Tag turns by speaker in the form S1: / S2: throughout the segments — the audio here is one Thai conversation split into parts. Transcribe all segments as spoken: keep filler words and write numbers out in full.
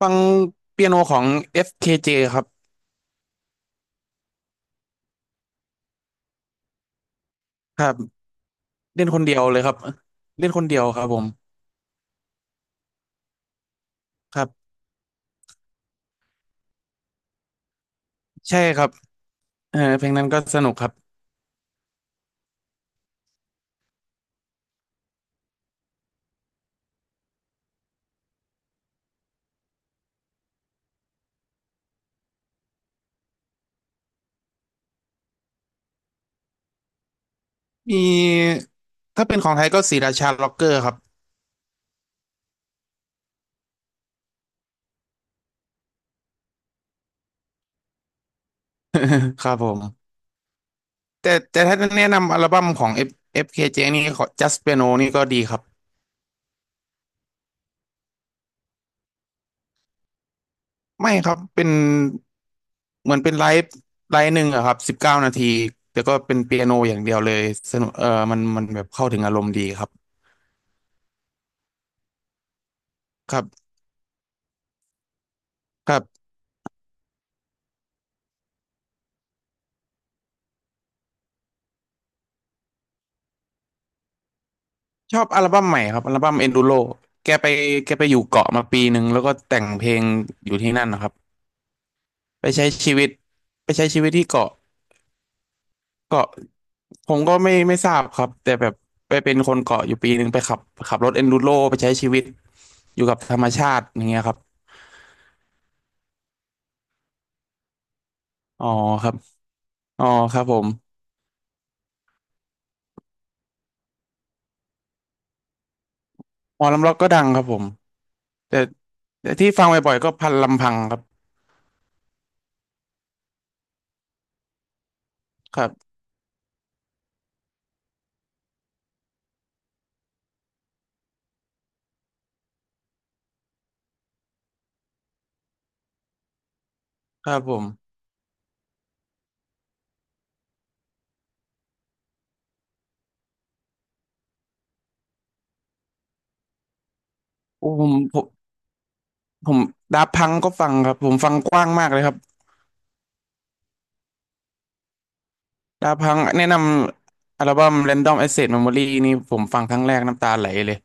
S1: ฟังเปียโนของ เอฟ เค เจ คเจครับครับเล่นคนเดียวเลยครับเล่นคนเดียวครับผมครับใช่ครับเออเพลงนั้นก็สนุกครับมีถ้าเป็นของไทยก็ศรีราชาล็อกเกอร์ครับ ครับผมแต่แต่ถ้าแนะนำอัลบั้มของ F เอฟ เค เจ นี่ของ Just Piano นี่ก็ดีครับไม่ครับเป็นเหมือนเป็นไลฟ์ไลฟ์หนึ่งอะครับสิบเก้านาทีแต่ก็เป็นเปียโนอย่างเดียวเลยสนุกเออมันมันแบบเข้าถึงอารมณ์ดีครับครับครับ ชอบอัลบั้มใหม่ครับอัลบั้ม Enduro แกไปแกไปอยู่เกาะมาปีหนึ่งแล้วก็แต่งเพลงอยู่ที่นั่นนะครับไปใช้ชีวิตไปใช้ชีวิตที่เกาะเกาะผมก็ไม่ไม่ทราบครับแต่แบบไปเป็นคนเกาะอยู่ปีหนึ่งไปขับขับรถ Enduro ไปใช้ชีวิตอยู่กับธรรมชาติอย่างเงี้ยครับอ๋อครับอ๋อครับผมหมอลำร็อกก็ดังครับผมแต่แต่ที่ฟังบ่อยๆก็พันลำพังครับครับครับผมโอ้ผมผมผมดาพังก็ฟังครับผมฟังกว้างมากเลยครับ ดาพังแนะนำอัลบั้ม Random Access Memory นี่ผมฟังครั้งแรกน้ำตาไหลเลย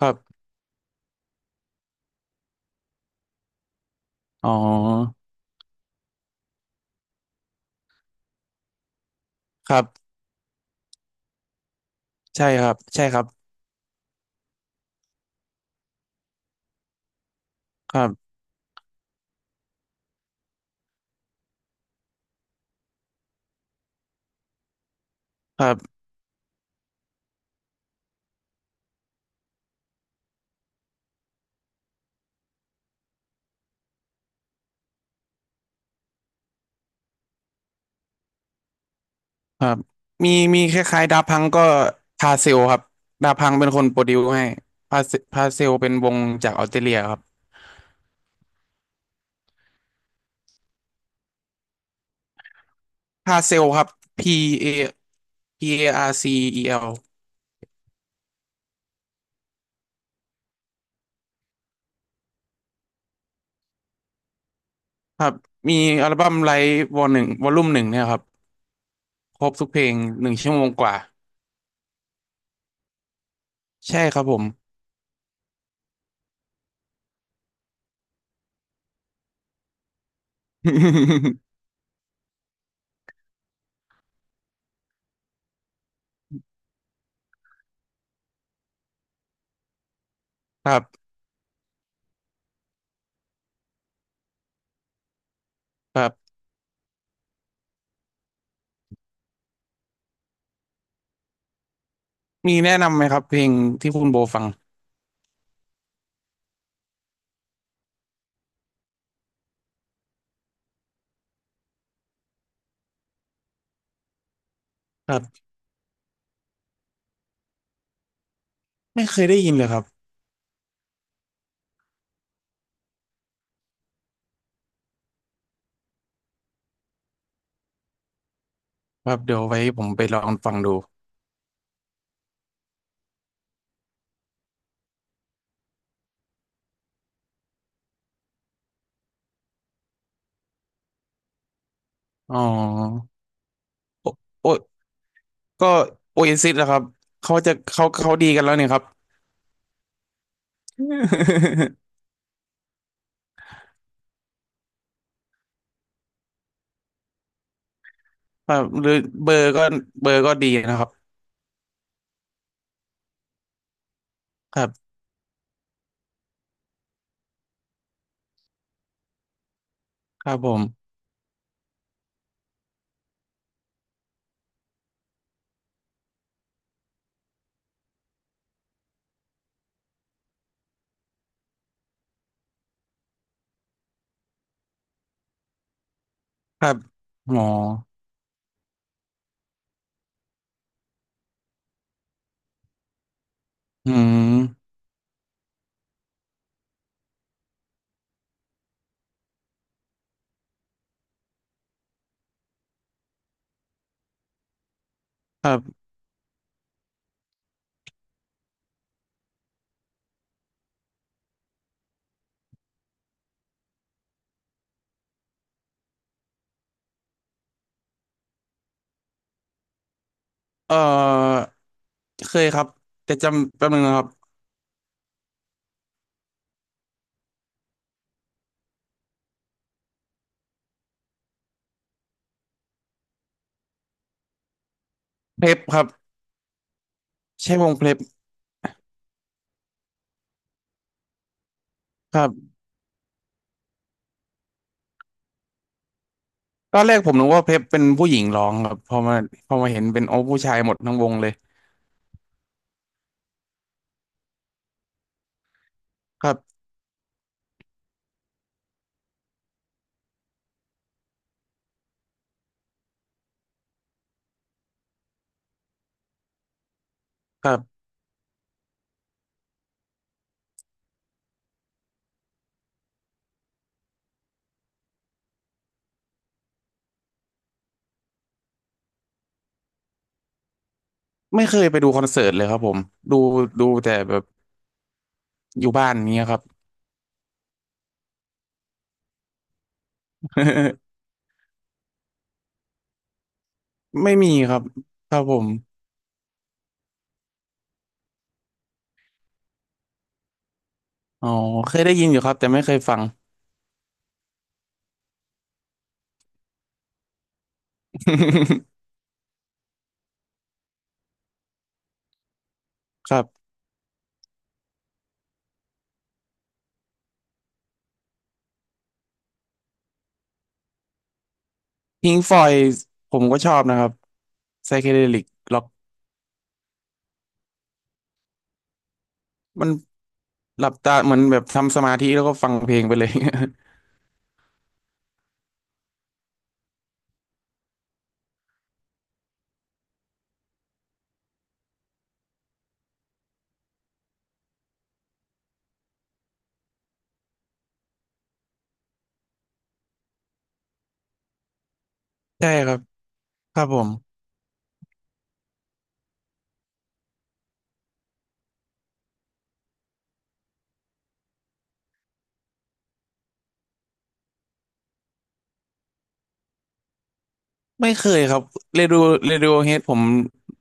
S1: ครับอ๋อครับใช่ครับใช่ครับครับครับครับมีมีคล้ายๆดาพังก็พาเซลครับดาพังเป็นคนโปรดิวให้พาเซพาเซลเป็นวงจากออสเตรเลียครับพาเซลครับ P A P A R C E L ครับมีอัลบั้มไลฟ์วอลหนึ่งวอลลุ่มหนึ่งเนี่ยครับครบทุกเพลงหนึ่งชั่วโมงกว่าใช่ครับผม ครับครับ มีแนะนำไหมครับเพลงที่คุณโบฟังครับไม่เคยได้ยินเลยครับครับเดี๋ยวไว้ผมไปลองฟังดูอ๋อโอโอก็โอเอซิสนะครับเขาจะเขาเขาดีกันแล้วเนี่ยครับ ครับหรือเบอร์ก็เบอร์ก็ดีนะครับครับครับผมครับหมออืมครับเอ่อเคยครับแต่จำแป๊บนึงนะครับเพลปครับใช่วงเพลปครับตอนแรกผมนึกว่าเพลปเป็นผู้หญิงร้องครับพอมาพอมาเห็นเป็นโอ้ผู้ชายหมดทั้งวงเลย ครับครับไม่เคยไปดูคอนเสิร์ตเลยครับผมดูดูแต่แบบอยู่บ้านเนี้ยครับ ไม่มีครับครับผมอ๋อเคยได้ยินอยู่ครับแต่ไม่เคยฟัง ครับพิงฟอยผมก็ชอบนะครับไซเคเดลิกล็อกมันหลับตาเหมือนแบบทำสมาธิแล้วก็ฟังเพลงไปเลย ใช่ครับครับผมไม่เคยครับเรดิโอเรดิโอเฮดผม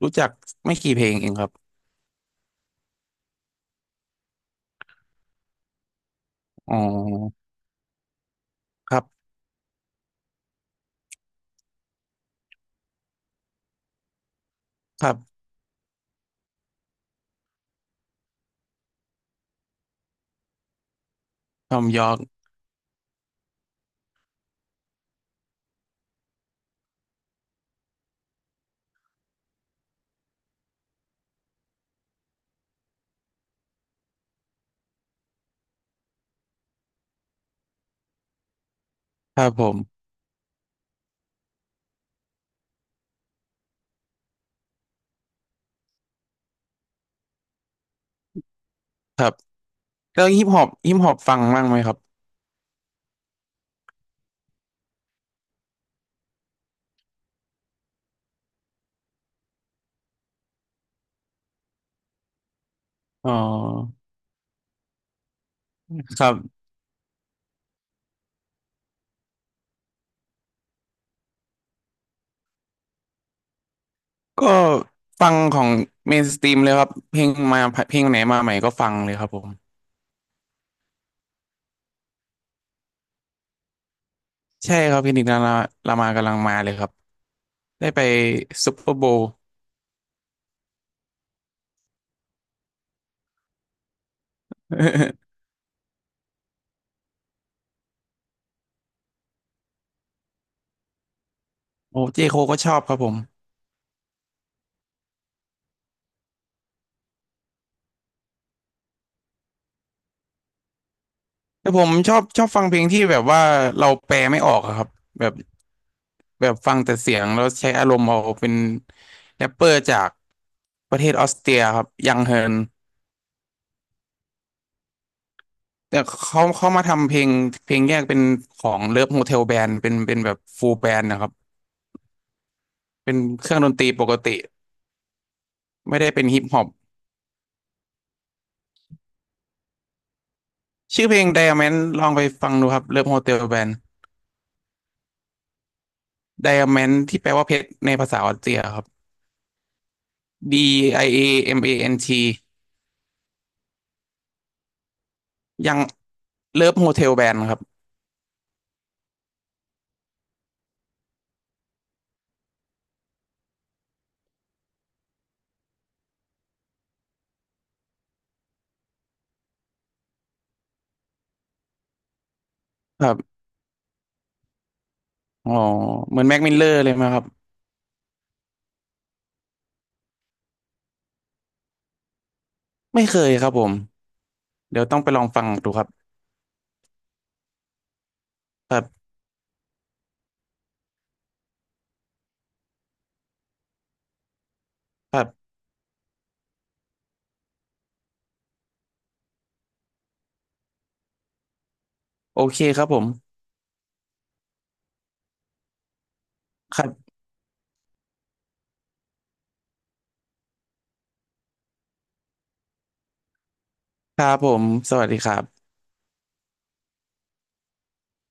S1: รู้จักไม่กี่เพลงเองครับอ๋อครับครับทอมยอร์กครับผม แล้วฮิปฮอปฮิปฮอปฟังบ้างไหมครับอ๋อครับก็ฟังของเมนสตรีมเลยครับเพลงมาเพลงไหนมาใหม่ก็ฟังเลยครับผมใช่ครับเพลงดิกลาลามากำลังมาเลยครับได้ไปซุปเปอร์ โบว์ โอ้เจโคก็ชอบครับผมแต่ผมชอบชอบฟังเพลงที่แบบว่าเราแปลไม่ออกอะครับแบบแบบฟังแต่เสียงแล้วใช้อารมณ์เอาเป็นแรปเปอร์จากประเทศออสเตรียครับยังเฮิร์น แต่เขาเขามาทำเพลงเพลงแยกเป็นของเลิฟโฮเทลแบนด์เป็นเป็นแบบฟูลแบนด์นะครับเป็นเครื่องดนตรีปกติไม่ได้เป็นฮิปฮอปชื่อเพลง Diamond ลองไปฟังดูครับเลิฟโฮเทลแบนด์ Diamond ที่แปลว่าเพชรในภาษาออสเตรียครับ D I A M A N T ยังเลิฟโฮเทลแบนด์ครับครับอ๋อเหมือนแม็กมิลเลอร์เลยไหมครับไม่เคยครับผมเดี๋ยวต้องไปลองฟังดูครับครับครับโอเคครับผมครับครับผมสวัสดีครับ